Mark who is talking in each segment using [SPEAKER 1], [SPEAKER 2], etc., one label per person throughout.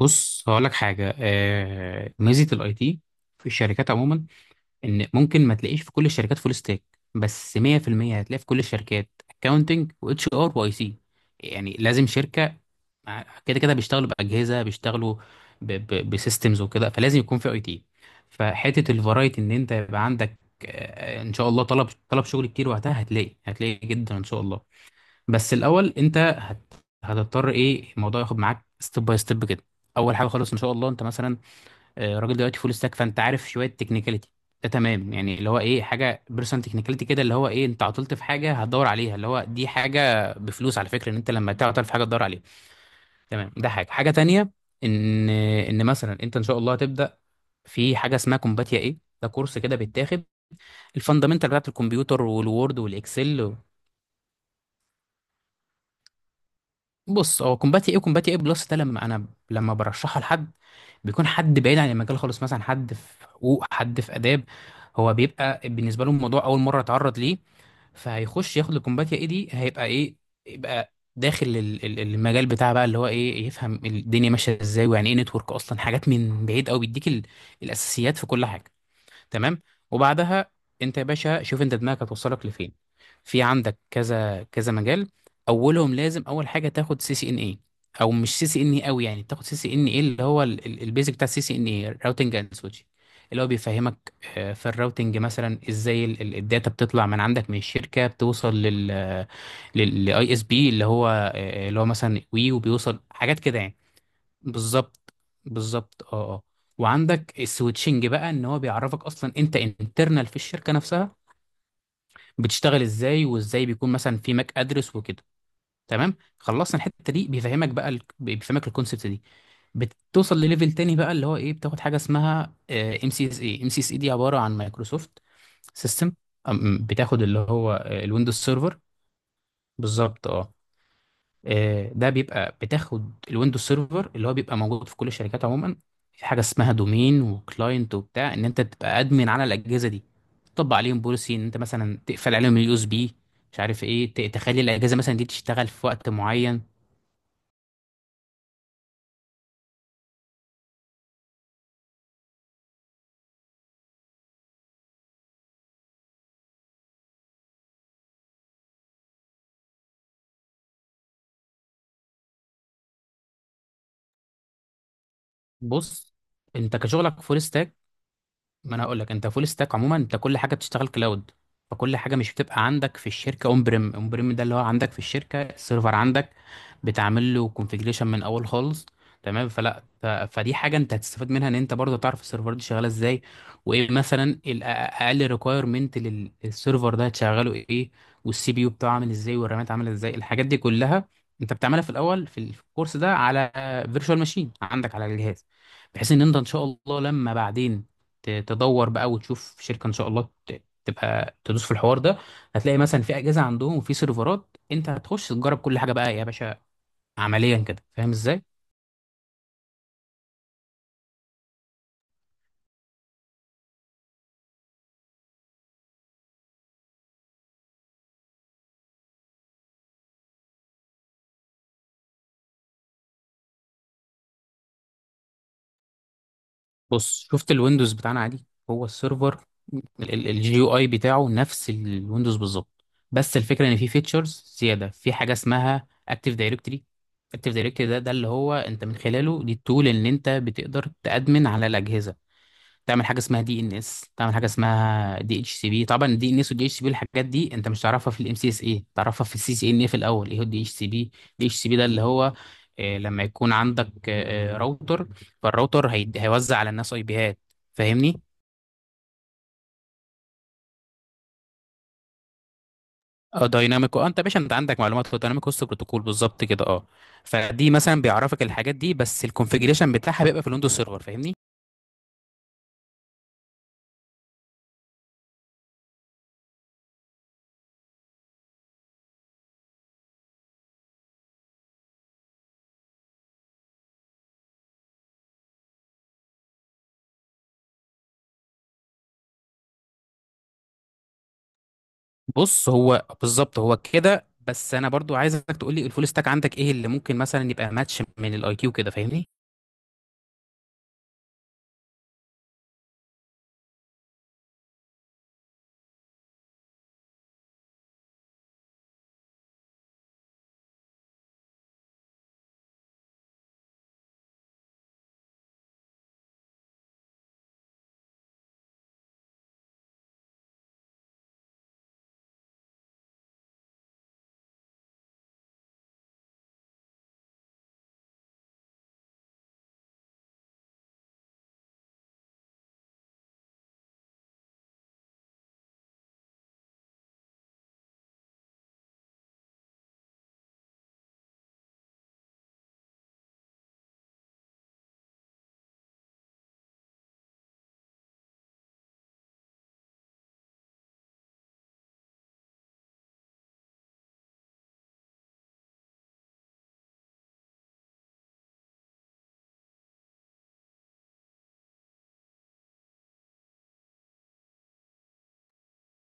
[SPEAKER 1] بص، هقول لك حاجه. ميزه الاي تي في الشركات عموما ان ممكن ما تلاقيش في كل الشركات فول ستاك، بس 100% هتلاقي في كل الشركات اكاونتنج واتش ار واي سي، يعني لازم شركه كده كده بيشتغلوا باجهزه، بيشتغلوا بسيستمز وكده، فلازم يكون في اي تي. فحته الفرايتي ان انت يبقى عندك، ان شاء الله، طلب شغل كتير، وقتها هتلاقي جدا ان شاء الله. بس الاول، انت هتضطر، ايه الموضوع ياخد معاك ستيب باي ستيب كده. اول حاجه خالص، ان شاء الله، انت مثلا راجل دلوقتي فول ستاك، فانت عارف شويه تكنيكاليتي. ده تمام، يعني اللي هو ايه، حاجه بيرسون تكنيكاليتي كده، اللي هو ايه، انت عطلت في حاجه هتدور عليها، اللي هو دي حاجه بفلوس على فكره، ان انت لما تعطل في حاجه تدور عليها. تمام. ده حاجه، حاجه تانية، ان مثلا انت ان شاء الله هتبدا في حاجه اسمها كومباتيا ايه، ده كورس كده بيتاخد الفاندامنتال بتاعت الكمبيوتر والوورد والاكسل. بص، هو كومباتي ايه وكومباتي ايه بلس، ده لما انا برشحها لحد، بيكون حد بعيد عن المجال خالص، مثلا حد في حقوق، حد في اداب، هو بيبقى بالنسبه له الموضوع اول مره اتعرض ليه، فهيخش ياخد الكومباتيا ايه دي، هيبقى ايه، يبقى داخل المجال بتاع بقى، اللي هو ايه، يفهم الدنيا ماشيه ازاي، ويعني ايه نتورك اصلا، حاجات من بعيد قوي، بيديك الاساسيات في كل حاجه. تمام. وبعدها انت يا باشا، شوف انت دماغك هتوصلك لفين. في عندك كذا كذا مجال، اولهم لازم اول حاجه تاخد سي سي ان اي، او مش سي سي ان اي قوي، يعني تاخد سي سي ان اي اللي هو البيزك بتاع السي سي ان اي، راوتنج اند سويتشنج، اللي هو بيفهمك في الراوتنج مثلا، ازاي الداتا بتطلع من عندك من الشركه، بتوصل للاي اس بي، اللي هو مثلا وي، وبيوصل حاجات كده يعني. بالظبط، بالظبط، اه، اه. وعندك السويتشنج بقى، ان هو بيعرفك اصلا انت انترنال في الشركه نفسها بتشتغل ازاي، وازاي بيكون مثلا في ماك ادرس وكده. تمام، خلصنا الحته دي. بيفهمك الكونسبت دي. بتوصل لليفل تاني بقى، اللي هو ايه، بتاخد حاجه اسمها ام سي اس اي دي عباره عن مايكروسوفت سيستم، بتاخد اللي هو الويندوز سيرفر. بالظبط، اه. ده بيبقى بتاخد الويندوز سيرفر اللي هو بيبقى موجود في كل الشركات عموما، في حاجه اسمها دومين وكلاينت وبتاع، ان انت تبقى ادمن على الاجهزه دي، تطبق عليهم بوليسي، ان انت مثلا تقفل عليهم اليو اس بي، مش عارف ايه، تخلي الاجهزه مثلا دي تشتغل في وقت معين. بص، انت كشغلك فول ما انا هقول لك، انت فول ستاك عموما، انت كل حاجه بتشتغل كلاود، فكل حاجه مش بتبقى عندك في الشركه. اون بريم، اون بريم ده اللي هو عندك في الشركه السيرفر عندك، بتعمل له كونفيجريشن من اول خالص. تمام. فدي حاجه انت هتستفاد منها، ان انت برضه تعرف السيرفر دي شغاله ازاي، وايه مثلا الاقل ريكويرمنت للسيرفر ده، هتشغله ايه، والسي بي يو بتاعه عامل ازاي، والرامات عامله ازاي، الحاجات دي كلها انت بتعملها في الاول في الكورس ده على فيرتشوال ماشين عندك على الجهاز، بحيث ان انت ان شاء الله لما بعدين تدور بقى وتشوف شركه، ان شاء الله تبقى تدوس في الحوار ده. هتلاقي مثلا في اجهزه عندهم، وفي سيرفرات انت هتخش تجرب كل حاجه بقى يا باشا، عمليا كده، فاهم ازاي؟ بص، شفت الويندوز بتاعنا عادي، هو السيرفر، الجي يو اي بتاعه نفس الويندوز بالظبط، بس الفكره ان في فيتشرز زياده، في حاجه اسمها اكتيف دايركتري. اكتيف دايركتري ده اللي هو انت من خلاله، دي التول ان انت بتقدر تادمن على الاجهزه، تعمل حاجه اسمها دي ان اس، تعمل حاجه اسمها دي اتش سي بي. طبعا الدي ان اس والدي اتش سي بي، الحاجات دي انت مش تعرفها في الام سي اس اي، تعرفها في السي سي ان اي في الاول. ايه هو الدي اتش سي بي؟ الدي اتش سي بي ده اللي هو لما يكون عندك راوتر، فالراوتر هيوزع على الناس اي بيهات. فاهمني؟ اه، دايناميك، اه، انت يا باشا، انت عندك معلومات، هو دايناميك هوست بروتوكول بالظبط كده، اه. فدي مثلا بيعرفك الحاجات دي، بس الكونفجريشن بتاعها بيبقى في الويندوز سيرفر. فاهمني؟ بص، هو بالظبط هو كده. بس انا برضو عايزك تقول لي، الفول ستاك عندك ايه اللي ممكن مثلا يبقى ماتش من الاي كيو كده؟ فاهمني؟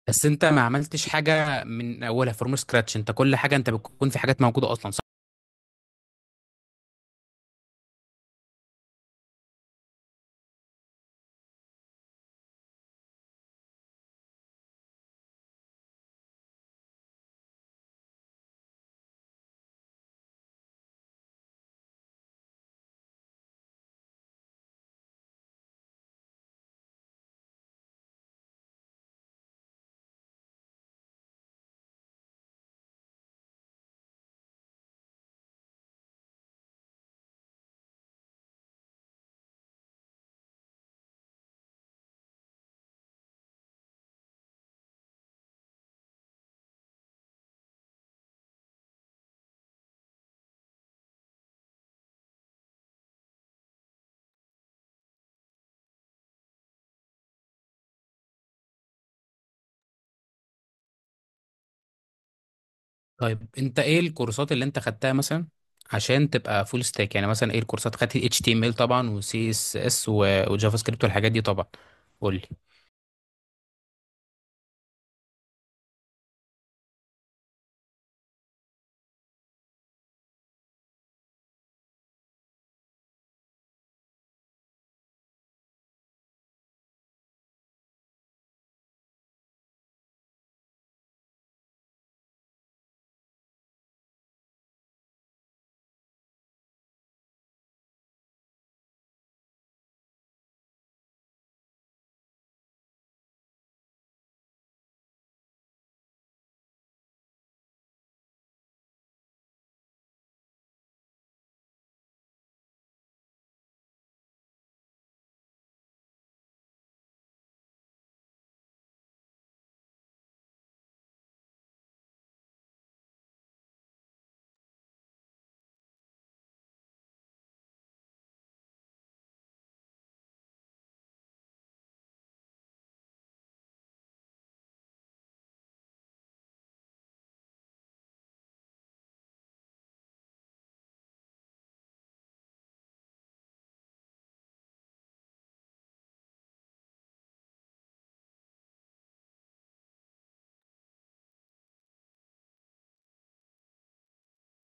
[SPEAKER 1] بس انت ما عملتش حاجه من اولها، فروم سكراتش، انت كل حاجه انت بتكون في حاجات موجوده اصلا، صح؟ طيب، انت ايه الكورسات اللي انت خدتها مثلا عشان تبقى فول ستاك؟ يعني مثلا ايه الكورسات؟ خدت اتش تي ام ال طبعا، وسي اس اس، وجافا سكريبت، والحاجات دي طبعا. قول لي.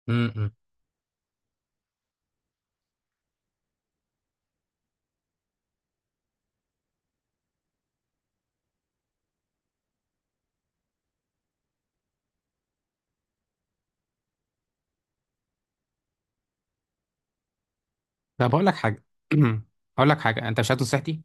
[SPEAKER 1] امم، امم. طب، هقول لك حاجه. هقول لك حاجه، انت مش هات نصيحتي.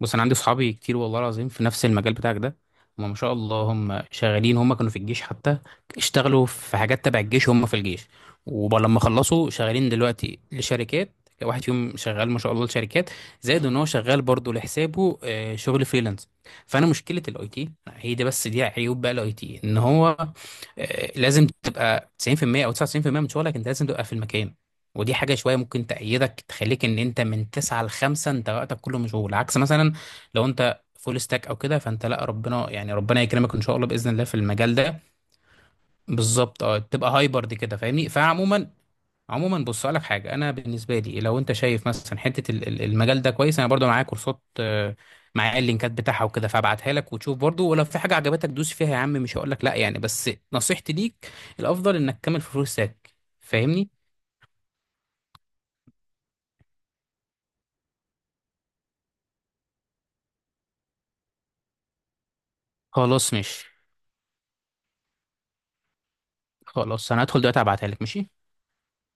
[SPEAKER 1] بص، انا عندي صحابي كتير والله العظيم في نفس المجال بتاعك ده، هم ما شاء الله هم شغالين، هم كانوا في الجيش حتى، اشتغلوا في حاجات تبع الجيش، هم في الجيش. ولما خلصوا، شغالين دلوقتي لشركات، واحد فيهم شغال ما شاء الله لشركات، زائد ان هو شغال برضه لحسابه شغل فريلانس. فانا مشكله الاي تي هي دي، بس دي عيوب بقى الاي تي، ان هو لازم تبقى 90% او 99% من شغلك، انت لازم تبقى في المكان. ودي حاجة شوية ممكن تأيدك، تخليك إن أنت من تسعة لخمسة أنت وقتك كله مشغول، عكس مثلا لو أنت فول ستاك أو كده فأنت لأ، ربنا يعني ربنا يكرمك إن شاء الله، بإذن الله، في المجال ده. بالظبط، أه، تبقى هايبرد كده، فاهمني؟ عموما، بص، أقول لك حاجة، أنا بالنسبة لي لو أنت شايف مثلا حتة المجال ده كويس، أنا برضو معايا كورسات، معايا اللينكات بتاعها وكده، فابعتها لك وتشوف برضو، ولو في حاجة عجبتك دوس فيها يا عم. مش هقول لك لأ يعني، بس نصيحتي ليك الأفضل إنك تكمل في فول ستاك. فاهمني؟ خلاص، ماشي. خلاص، انا هدخل دلوقتي ابعتها لك. ماشي.